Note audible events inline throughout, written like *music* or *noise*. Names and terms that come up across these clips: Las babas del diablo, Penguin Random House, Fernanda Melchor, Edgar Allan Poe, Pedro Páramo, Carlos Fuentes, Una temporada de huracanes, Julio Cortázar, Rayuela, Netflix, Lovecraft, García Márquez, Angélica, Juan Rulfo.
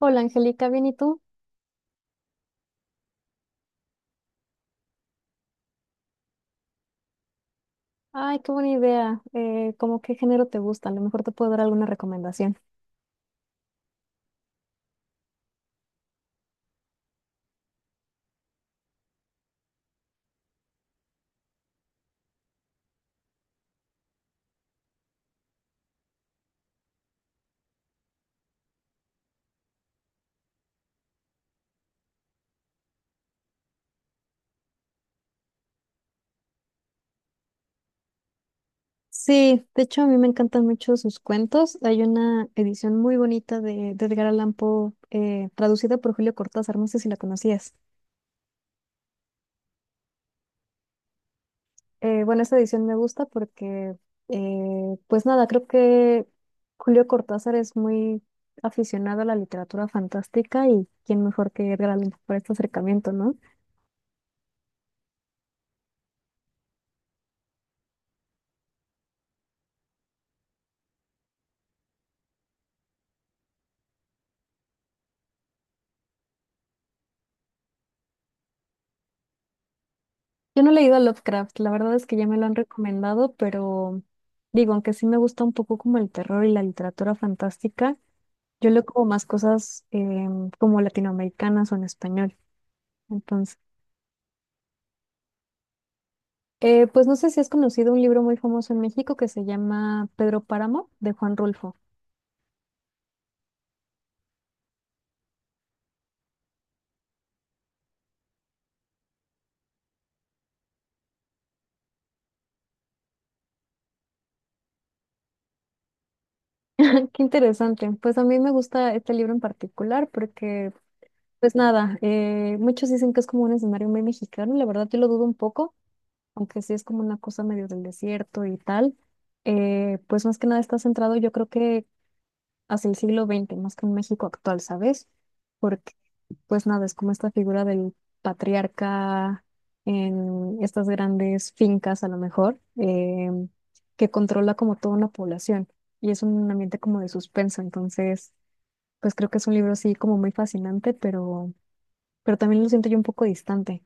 Hola Angélica, ¿bien y tú? Ay, qué buena idea. ¿Cómo qué género te gusta? A lo mejor te puedo dar alguna recomendación. Sí, de hecho a mí me encantan mucho sus cuentos. Hay una edición muy bonita de Edgar Allan Poe, traducida por Julio Cortázar, no sé si la conocías. Bueno, esa edición me gusta porque pues nada, creo que Julio Cortázar es muy aficionado a la literatura fantástica y quién mejor que Edgar Allan Poe para este acercamiento, ¿no? Yo no he leído a Lovecraft, la verdad es que ya me lo han recomendado, pero digo, aunque sí me gusta un poco como el terror y la literatura fantástica, yo leo como más cosas como latinoamericanas o en español. Entonces, pues no sé si has conocido un libro muy famoso en México que se llama Pedro Páramo de Juan Rulfo. *laughs* Qué interesante, pues a mí me gusta este libro en particular porque pues nada, muchos dicen que es como un escenario muy mexicano, la verdad yo lo dudo un poco. Aunque sí es como una cosa medio del desierto y tal, pues más que nada está centrado yo creo que hacia el siglo XX, más que en México actual, ¿sabes? Porque pues nada, es como esta figura del patriarca en estas grandes fincas a lo mejor, que controla como toda una población y es un ambiente como de suspenso, entonces pues creo que es un libro así como muy fascinante, pero también lo siento yo un poco distante.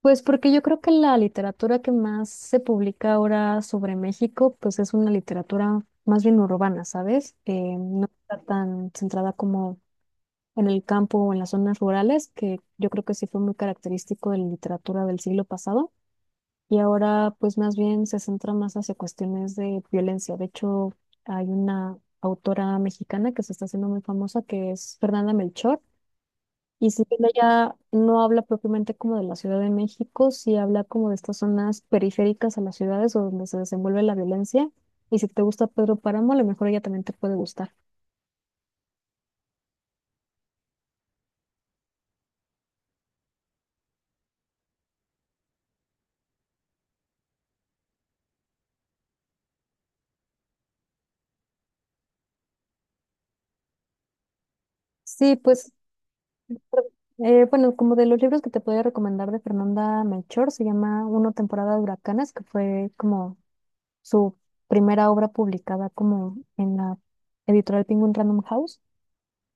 Pues porque yo creo que la literatura que más se publica ahora sobre México, pues es una literatura más bien urbana, ¿sabes? No está tan centrada como en el campo o en las zonas rurales, que yo creo que sí fue muy característico de la literatura del siglo pasado. Y ahora, pues más bien se centra más hacia cuestiones de violencia. De hecho, hay una autora mexicana que se está haciendo muy famosa, que es Fernanda Melchor y si bien ella no habla propiamente como de la Ciudad de México, sí habla como de estas zonas periféricas a las ciudades o donde se desenvuelve la violencia. Y si te gusta Pedro Páramo, a lo mejor ella también te puede gustar. Sí, pues, bueno, como de los libros que te podía recomendar de Fernanda Melchor, se llama Una temporada de huracanes, que fue como su primera obra publicada como en la editorial Penguin Random House.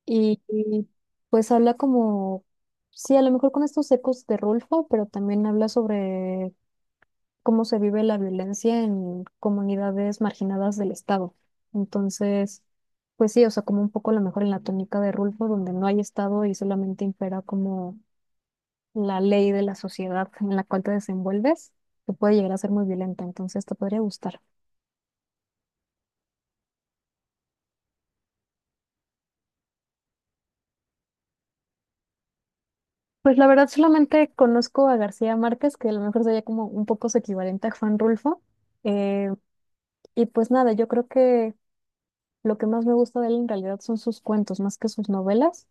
Y pues habla como, sí, a lo mejor con estos ecos de Rulfo, pero también habla sobre cómo se vive la violencia en comunidades marginadas del Estado. Entonces, pues sí, o sea, como un poco a lo mejor en la tónica de Rulfo, donde no hay Estado y solamente impera como la ley de la sociedad en la cual te desenvuelves, que puede llegar a ser muy violenta, entonces te podría gustar. Pues la verdad solamente conozco a García Márquez, que a lo mejor sería como un poco su equivalente a Juan Rulfo. eh, Y pues nada, yo creo que lo que más me gusta de él en realidad son sus cuentos, más que sus novelas.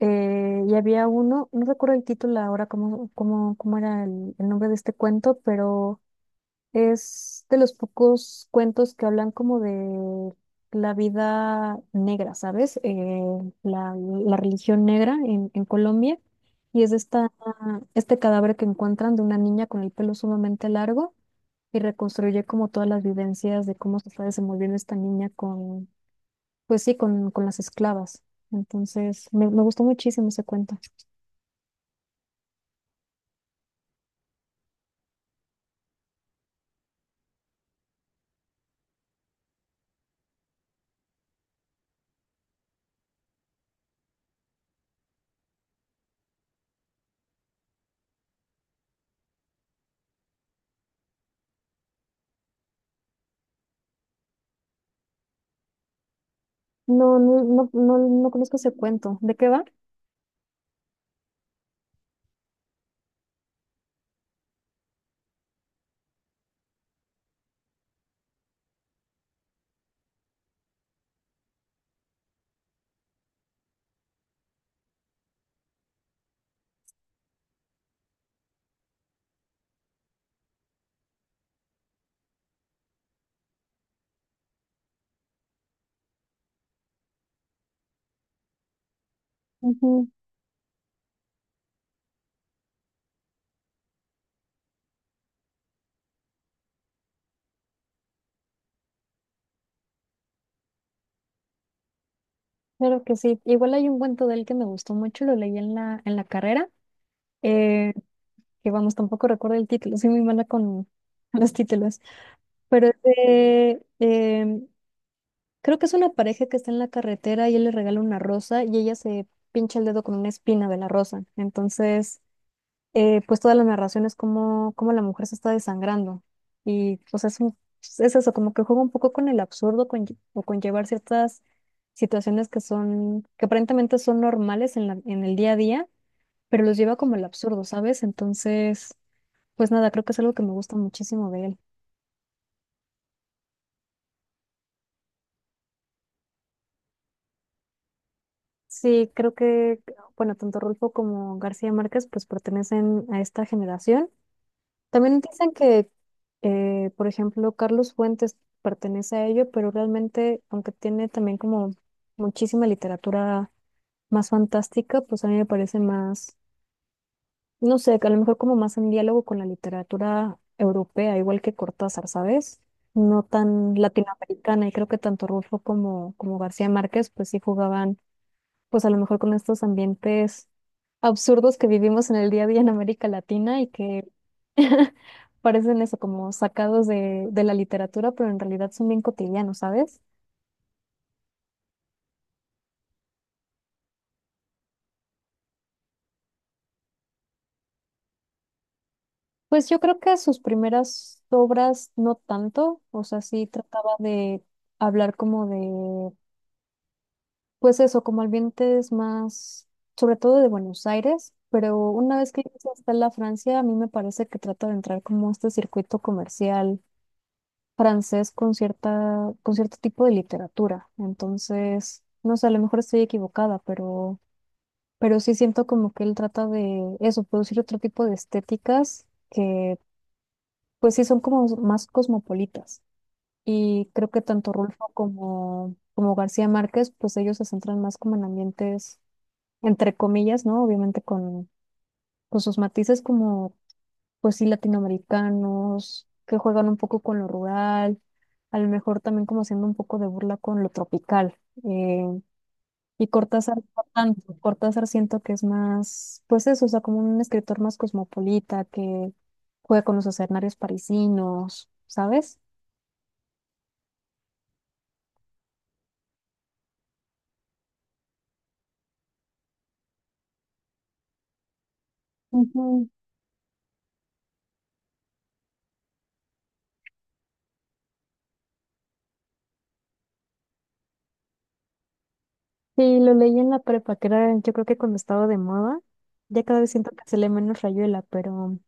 Y había uno, no recuerdo el título ahora, cómo era el nombre de este cuento, pero es de los pocos cuentos que hablan como de la vida negra, ¿sabes? La religión negra en Colombia. Y es esta, este cadáver que encuentran de una niña con el pelo sumamente largo y reconstruye como todas las vivencias de cómo se está desenvolviendo esta niña con, pues sí, con las esclavas. Entonces, me gustó muchísimo ese cuento. No, no conozco ese cuento. ¿De qué va? Ujú. Claro que sí. Igual hay un cuento de él que me gustó mucho, lo leí en la carrera, eh, que vamos, tampoco recuerdo el título, soy muy mala con los títulos, pero es creo que es una pareja que está en la carretera y él le regala una rosa y ella se pincha el dedo con una espina de la rosa. Entonces, pues toda la narración es como, como la mujer se está desangrando. Y pues es eso, como que juega un poco con el absurdo con, o con llevar ciertas situaciones que son, que aparentemente son normales en el día a día, pero los lleva como el absurdo, ¿sabes? Entonces, pues nada, creo que es algo que me gusta muchísimo de él. Sí, creo que, bueno, tanto Rulfo como García Márquez pues pertenecen a esta generación. También dicen que, por ejemplo, Carlos Fuentes pertenece a ello, pero realmente, aunque tiene también como muchísima literatura más fantástica, pues a mí me parece más, no sé, que a lo mejor como más en diálogo con la literatura europea, igual que Cortázar, ¿sabes? No tan latinoamericana, y creo que tanto Rulfo como García Márquez pues sí jugaban pues a lo mejor con estos ambientes absurdos que vivimos en el día a día en América Latina y que *laughs* parecen eso como sacados de la literatura, pero en realidad son bien cotidianos, ¿sabes? Pues yo creo que sus primeras obras no tanto, o sea, sí trataba de hablar como de, pues eso, como ambientes más, sobre todo de Buenos Aires, pero una vez que llegas hasta la Francia, a mí me parece que trata de entrar como a este circuito comercial francés con cierta, con cierto tipo de literatura. Entonces, no sé, a lo mejor estoy equivocada, pero sí siento como que él trata de eso, producir otro tipo de estéticas que pues sí son como más cosmopolitas. Y creo que tanto Rulfo como García Márquez, pues ellos se centran más como en ambientes, entre comillas, ¿no? Obviamente con sus matices como pues sí, latinoamericanos, que juegan un poco con lo rural, a lo mejor también como haciendo un poco de burla con lo tropical. eh, y Cortázar, Cortázar siento que es más, pues eso, o sea, como un escritor más cosmopolita que juega con los escenarios parisinos, ¿sabes? Ujú. Sí, lo leí en la prepa, que era yo creo que cuando estaba de moda, ya cada vez siento que se lee menos Rayuela, pero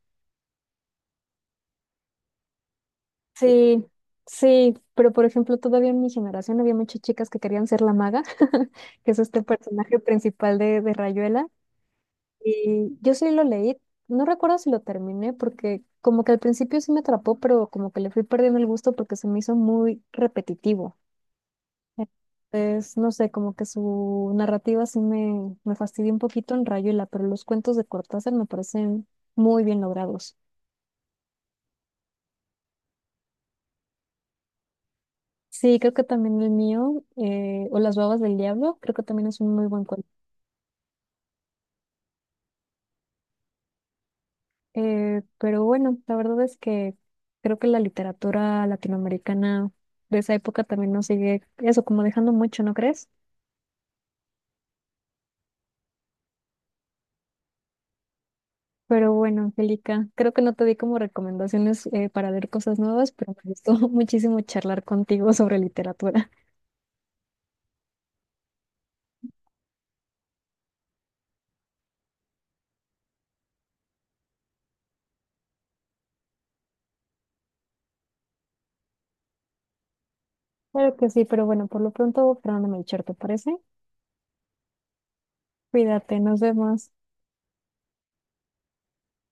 sí, sí, pero por ejemplo, todavía en mi generación había muchas chicas que querían ser la maga, *laughs* que es este personaje principal de Rayuela. Y yo sí lo leí, no recuerdo si lo terminé, porque como que al principio sí me atrapó, pero como que le fui perdiendo el gusto porque se me hizo muy repetitivo. Entonces, no sé, como que su narrativa sí me fastidió un poquito en Rayuela, pero los cuentos de Cortázar me parecen muy bien logrados. Sí, creo que también el mío, o Las babas del diablo, creo que también es un muy buen cuento. Pero bueno, la verdad es que creo que la literatura latinoamericana de esa época también nos sigue eso, como dejando mucho, ¿no crees? Pero bueno, Angélica, creo que no te di como recomendaciones para leer cosas nuevas, pero me gustó *laughs* muchísimo charlar contigo sobre literatura. Claro que sí, pero bueno, por lo pronto, Fernanda Melchor, ¿te parece? Cuídate, nos vemos.